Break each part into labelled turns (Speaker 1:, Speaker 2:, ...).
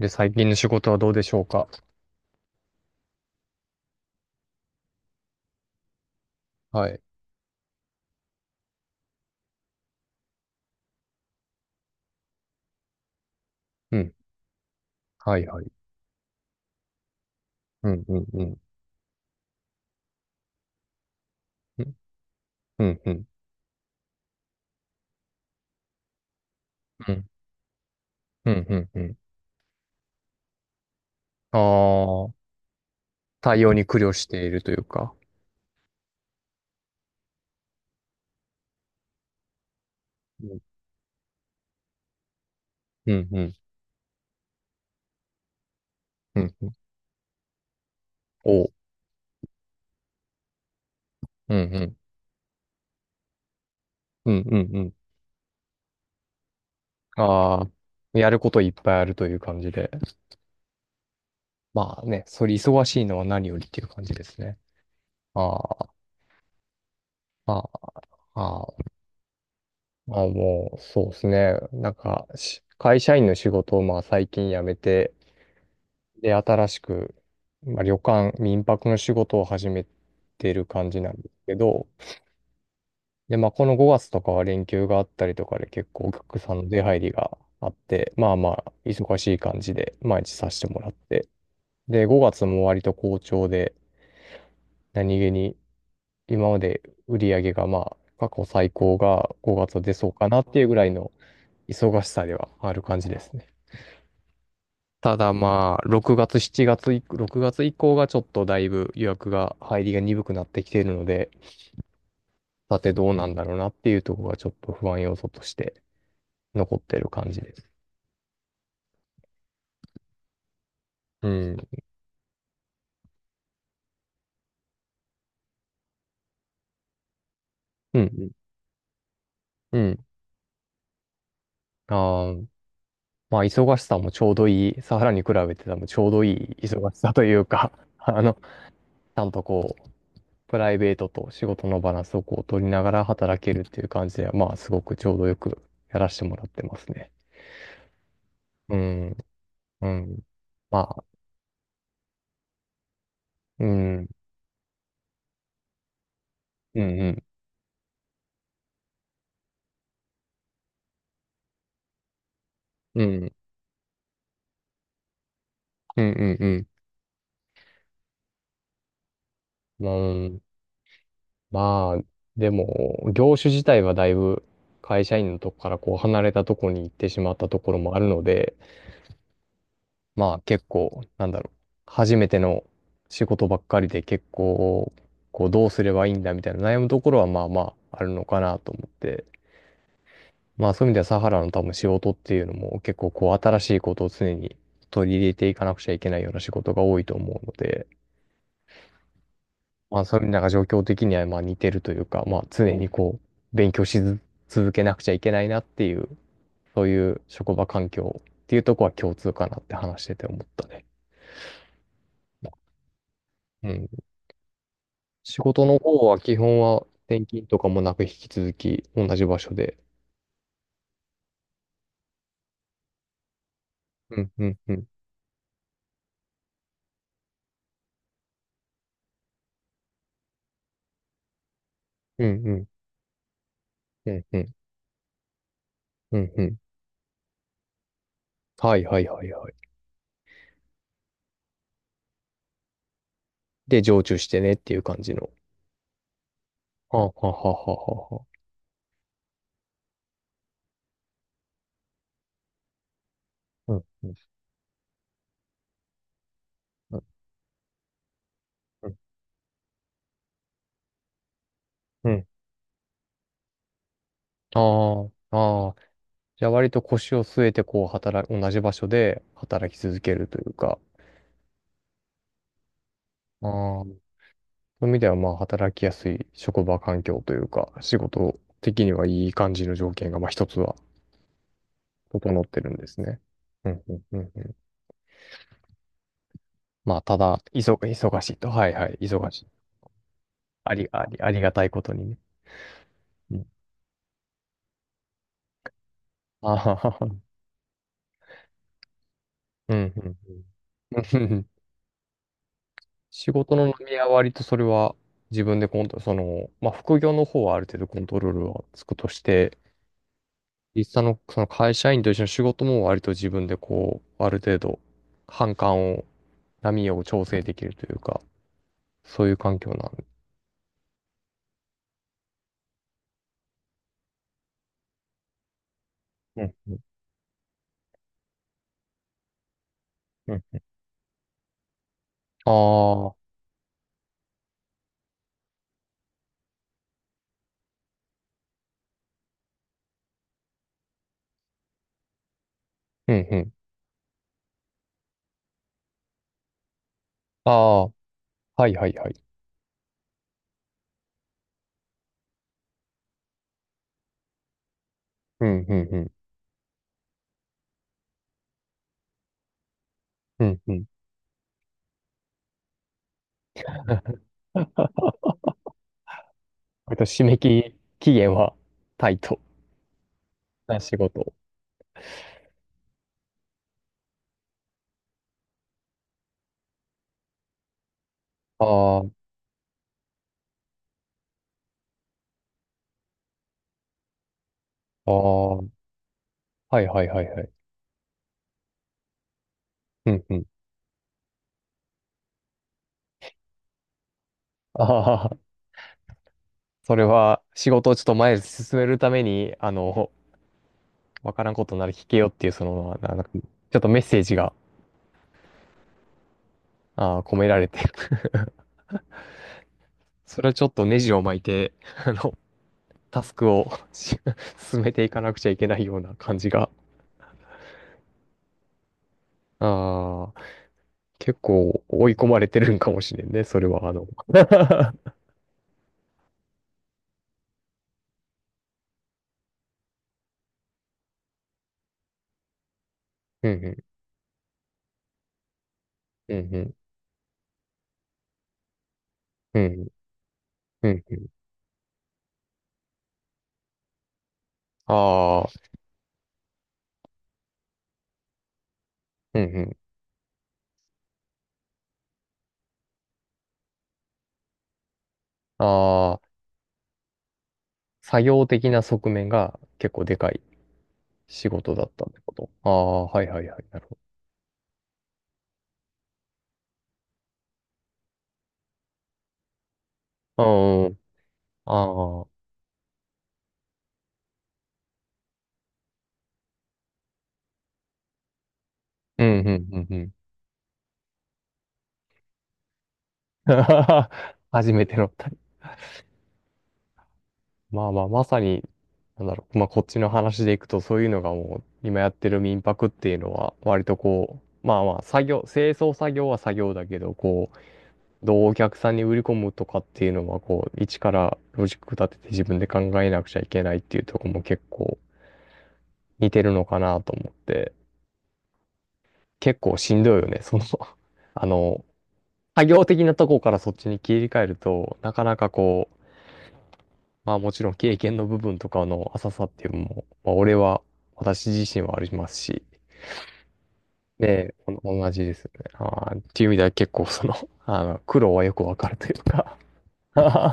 Speaker 1: で、最近の仕事はどうでしょうか？はい。うん。はいはい。うん、うん、うん。うん、うん、うん。うん、うん、うん。うん、ああ、対応に苦慮しているというか。うん、うん、うん、うん。うん、おう。うん、うん、うん、うん、うん。ああ、やることいっぱいあるという感じで。まあね、それ忙しいのは何よりっていう感じですね。ああ、ああ、ああ、まあもう、そうですね。なんか、し会社員の仕事をまあ最近辞めて、で、新しく、まあ、旅館、民泊の仕事を始めてる感じなんですけど、で、まあ、この5月とかは連休があったりとかで結構お客さんの出入りがあって、まあまあ、忙しい感じで毎日させてもらって、で、5月も割と好調で、何気に今まで売り上げがまあ、過去最高が5月は出そうかなっていうぐらいの忙しさではある感じですね。ただまあ、6月、7月以、6月以降がちょっとだいぶ予約が入りが鈍くなってきているので、さてどうなんだろうなっていうところがちょっと不安要素として残ってる感じです。うん。うん。うん。あー、まあ、忙しさもちょうどいい、サハラに比べて多分ちょうどいい忙しさというか あの、ちゃんとこう、プライベートと仕事のバランスをこう取りながら働けるっていう感じでは、まあ、すごくちょうどよくやらせてもらってますね。うん。うん。まあうん、うん、うん、うん、うん、うん。うん、まあ、でも、業種自体はだいぶ会社員のとこからこう離れたとこに行ってしまったところもあるので、まあ結構、なんだろう、初めての仕事ばっかりで結構、こうどうすればいいんだみたいな悩むところはまあまああるのかなと思って、まあそういう意味ではサハラの多分仕事っていうのも結構こう新しいことを常に取り入れていかなくちゃいけないような仕事が多いと思うので、まあ、そういうのが状況的にはまあ似てるというか、まあ、常にこう、勉強しず続けなくちゃいけないなっていう、そういう職場環境っていうとこは共通かなって話してて思ったね。うん。仕事の方は基本は転勤とかもなく引き続き同じ場所で。うん、うん、うん。うん、うん、うん、うん、うん。うん、はい、はい、はい、はい。で、常駐してねっていう感じの。はあ、はあ、はあ、はあ、はあはあ。うん、うん、うん、うん。うん、ああ、ああ。じゃあ割と腰を据えてこう働く、同じ場所で働き続けるというか、ああ、そういう意味ではまあ働きやすい職場環境というか、仕事的にはいい感じの条件がまあ一つは整ってるんですね。うんうんうんうん。まあただ、忙しいと。はいはい、忙しい。あり、あり、ありがたいことにね。うん。あははは。うんうんうん。仕事の合は割とそれは自分でコント、その、まあ副業の方はある程度コントロールはつくとして、実際のその会社員と一緒の仕事も割と自分でこう、ある程度、反感を、波を調整できるというか、そういう環境なんで。うん、うん、うん。ああ、うん、うん。ああ、はいはいはい。うん、うん、うん。うん、うん。割と締め切り期限はタイトな仕事。ああ、ああ、はいはいはいはい。うんうん。ああ、それは仕事をちょっと前へ進めるために、あの、わからんことなら聞けよっていう、その、なんか、ちょっとメッセージが、ああ、込められて それはちょっとネジを巻いて、あの、タスクを し進めていかなくちゃいけないような感じが、ああ、結構追い込まれてるんかもしれんね、それは、あの。うんうん、うんうん、うんうん、うんうん。ああ、うんうん。ああ、作業的な側面が結構でかい仕事だったってこと。ああ、はいはいはい、なるほど。ああ、ああ、うんうん、うんうん。初めての。まあまあ、まさに、なんだろう、まあこっちの話でいくと、そういうのがもう、今やってる民泊っていうのは、割とこう、まあまあ、作業、清掃作業は作業だけど、こう、どうお客さんに売り込むとかっていうのは、こう、一からロジック立てて自分で考えなくちゃいけないっていうところも結構似てるのかなと思って、結構しんどいよね、その あの、作業的なとこからそっちに切り替えると、なかなかこう、まあもちろん経験の部分とかの浅さっていうのも、まあ俺は、私自身はありますし、ねお同じですよね。あーっていう意味では結構その、あの、苦労はよくわかるというか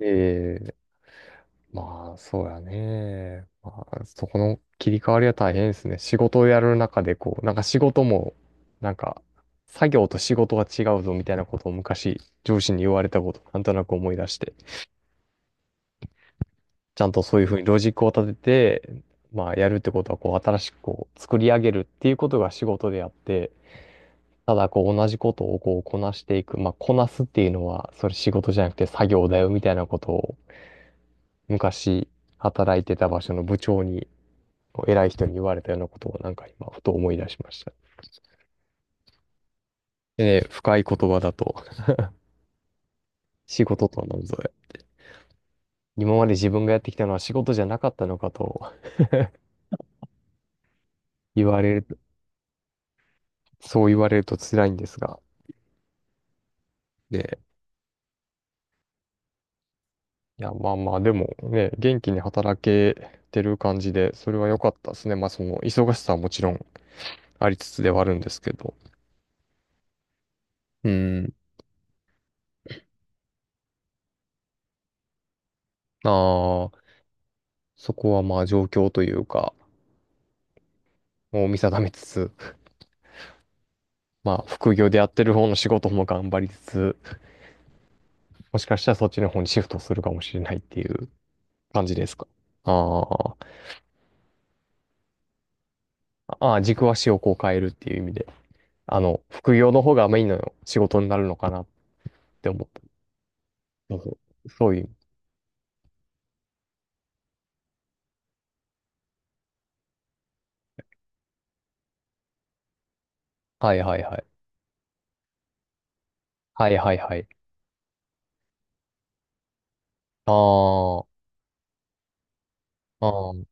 Speaker 1: ええ、まあそうやね。まあそこの切り替わりは大変ですね。仕事をやる中でこう、なんか仕事も、なんか、作業と仕事が違うぞみたいなことを昔上司に言われたこと、なんとなく思い出して。ちゃんとそういうふうにロジックを立てて、まあやるってことはこう新しくこう作り上げるっていうことが仕事であって、ただこう同じことをこうこなしていく、まあこなすっていうのはそれ仕事じゃなくて作業だよみたいなことを昔働いてた場所の部長にこう偉い人に言われたようなことをなんか今ふと思い出しました。でね、深い言葉だと仕事とは何ぞや。今まで自分がやってきたのは仕事じゃなかったのかと言われる、そう言われると辛いんですが。で、いや、まあまあ、でもね、元気に働けてる感じで、それは良かったですね。まあ、その、忙しさはもちろんありつつではあるんですけど。うん。ああ、そこはまあ、状況というか、もう見定めつつ、まあ、副業でやってる方の仕事も頑張りつつ、もしかしたらそっちの方にシフトするかもしれないっていう感じですか。ああ、ああ、軸足をこう変えるっていう意味で、あの、副業の方がメインの仕事になるのかなって思った。そうそう、そういう意味。はいはいはい。はいはいはい。あー、あー、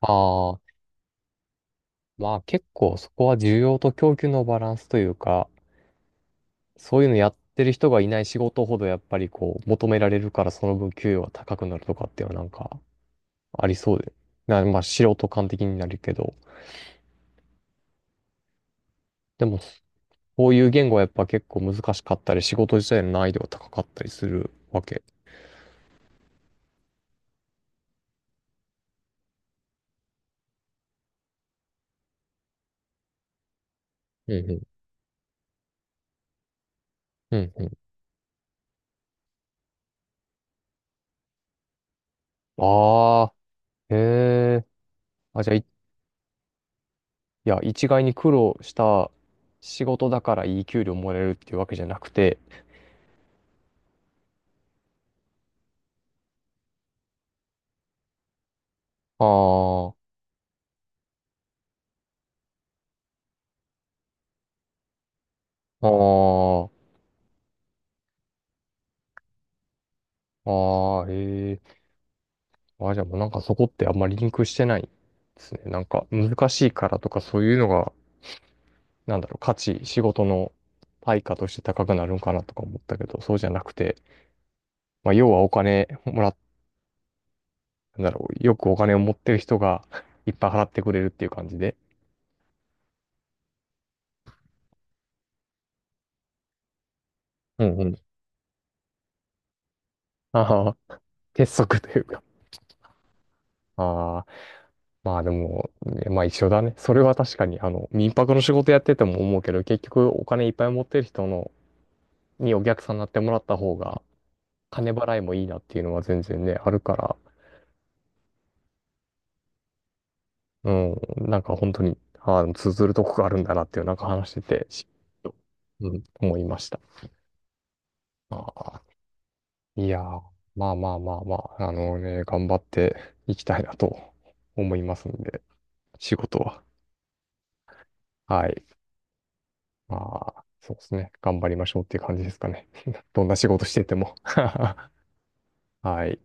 Speaker 1: あー。まあ結構そこは需要と供給のバランスというか、そういうのやってる人がいない仕事ほどやっぱりこう求められるからその分給与が高くなるとかっていうのはなんかありそうで。まあ素人感的になるけど、でもそういう言語はやっぱ結構難しかったり仕事自体の難易度が高かったりするわけ。うんうん。うんうん。ああ、へえ。あ、じゃあ、いや、一概に苦労した仕事だからいい給料もらえるっていうわけじゃなくて、ああ、ああ、ああ、ええ、あ、じゃあもうなんかそこってあんまりリンクしてないですね。なんか難しいからとかそういうのが、なんだろう、価値、仕事の対価として高くなるんかなとか思ったけど、そうじゃなくて、まあ、要はお金もらっ、なんだろう、よくお金を持ってる人が いっぱい払ってくれるっていう感じで。うんうん。ああ、鉄則というか。ああ。まあでも、ねまあ一緒だね。それは確かに、あの、民泊の仕事やってても思うけど、結局お金いっぱい持ってる人の、にお客さんになってもらった方が、金払いもいいなっていうのは全然ね、あるから、うん、なんか本当に、ああ、通ずるとこがあるんだなっていう、なんか話してて、し、うん、思いました。ああ、いやー、まあまあまあまあ、あのね、頑張っていきたいなと思いますんで、仕事は。はい。まあ、そうですね。頑張りましょうっていう感じですかね。どんな仕事してても はい。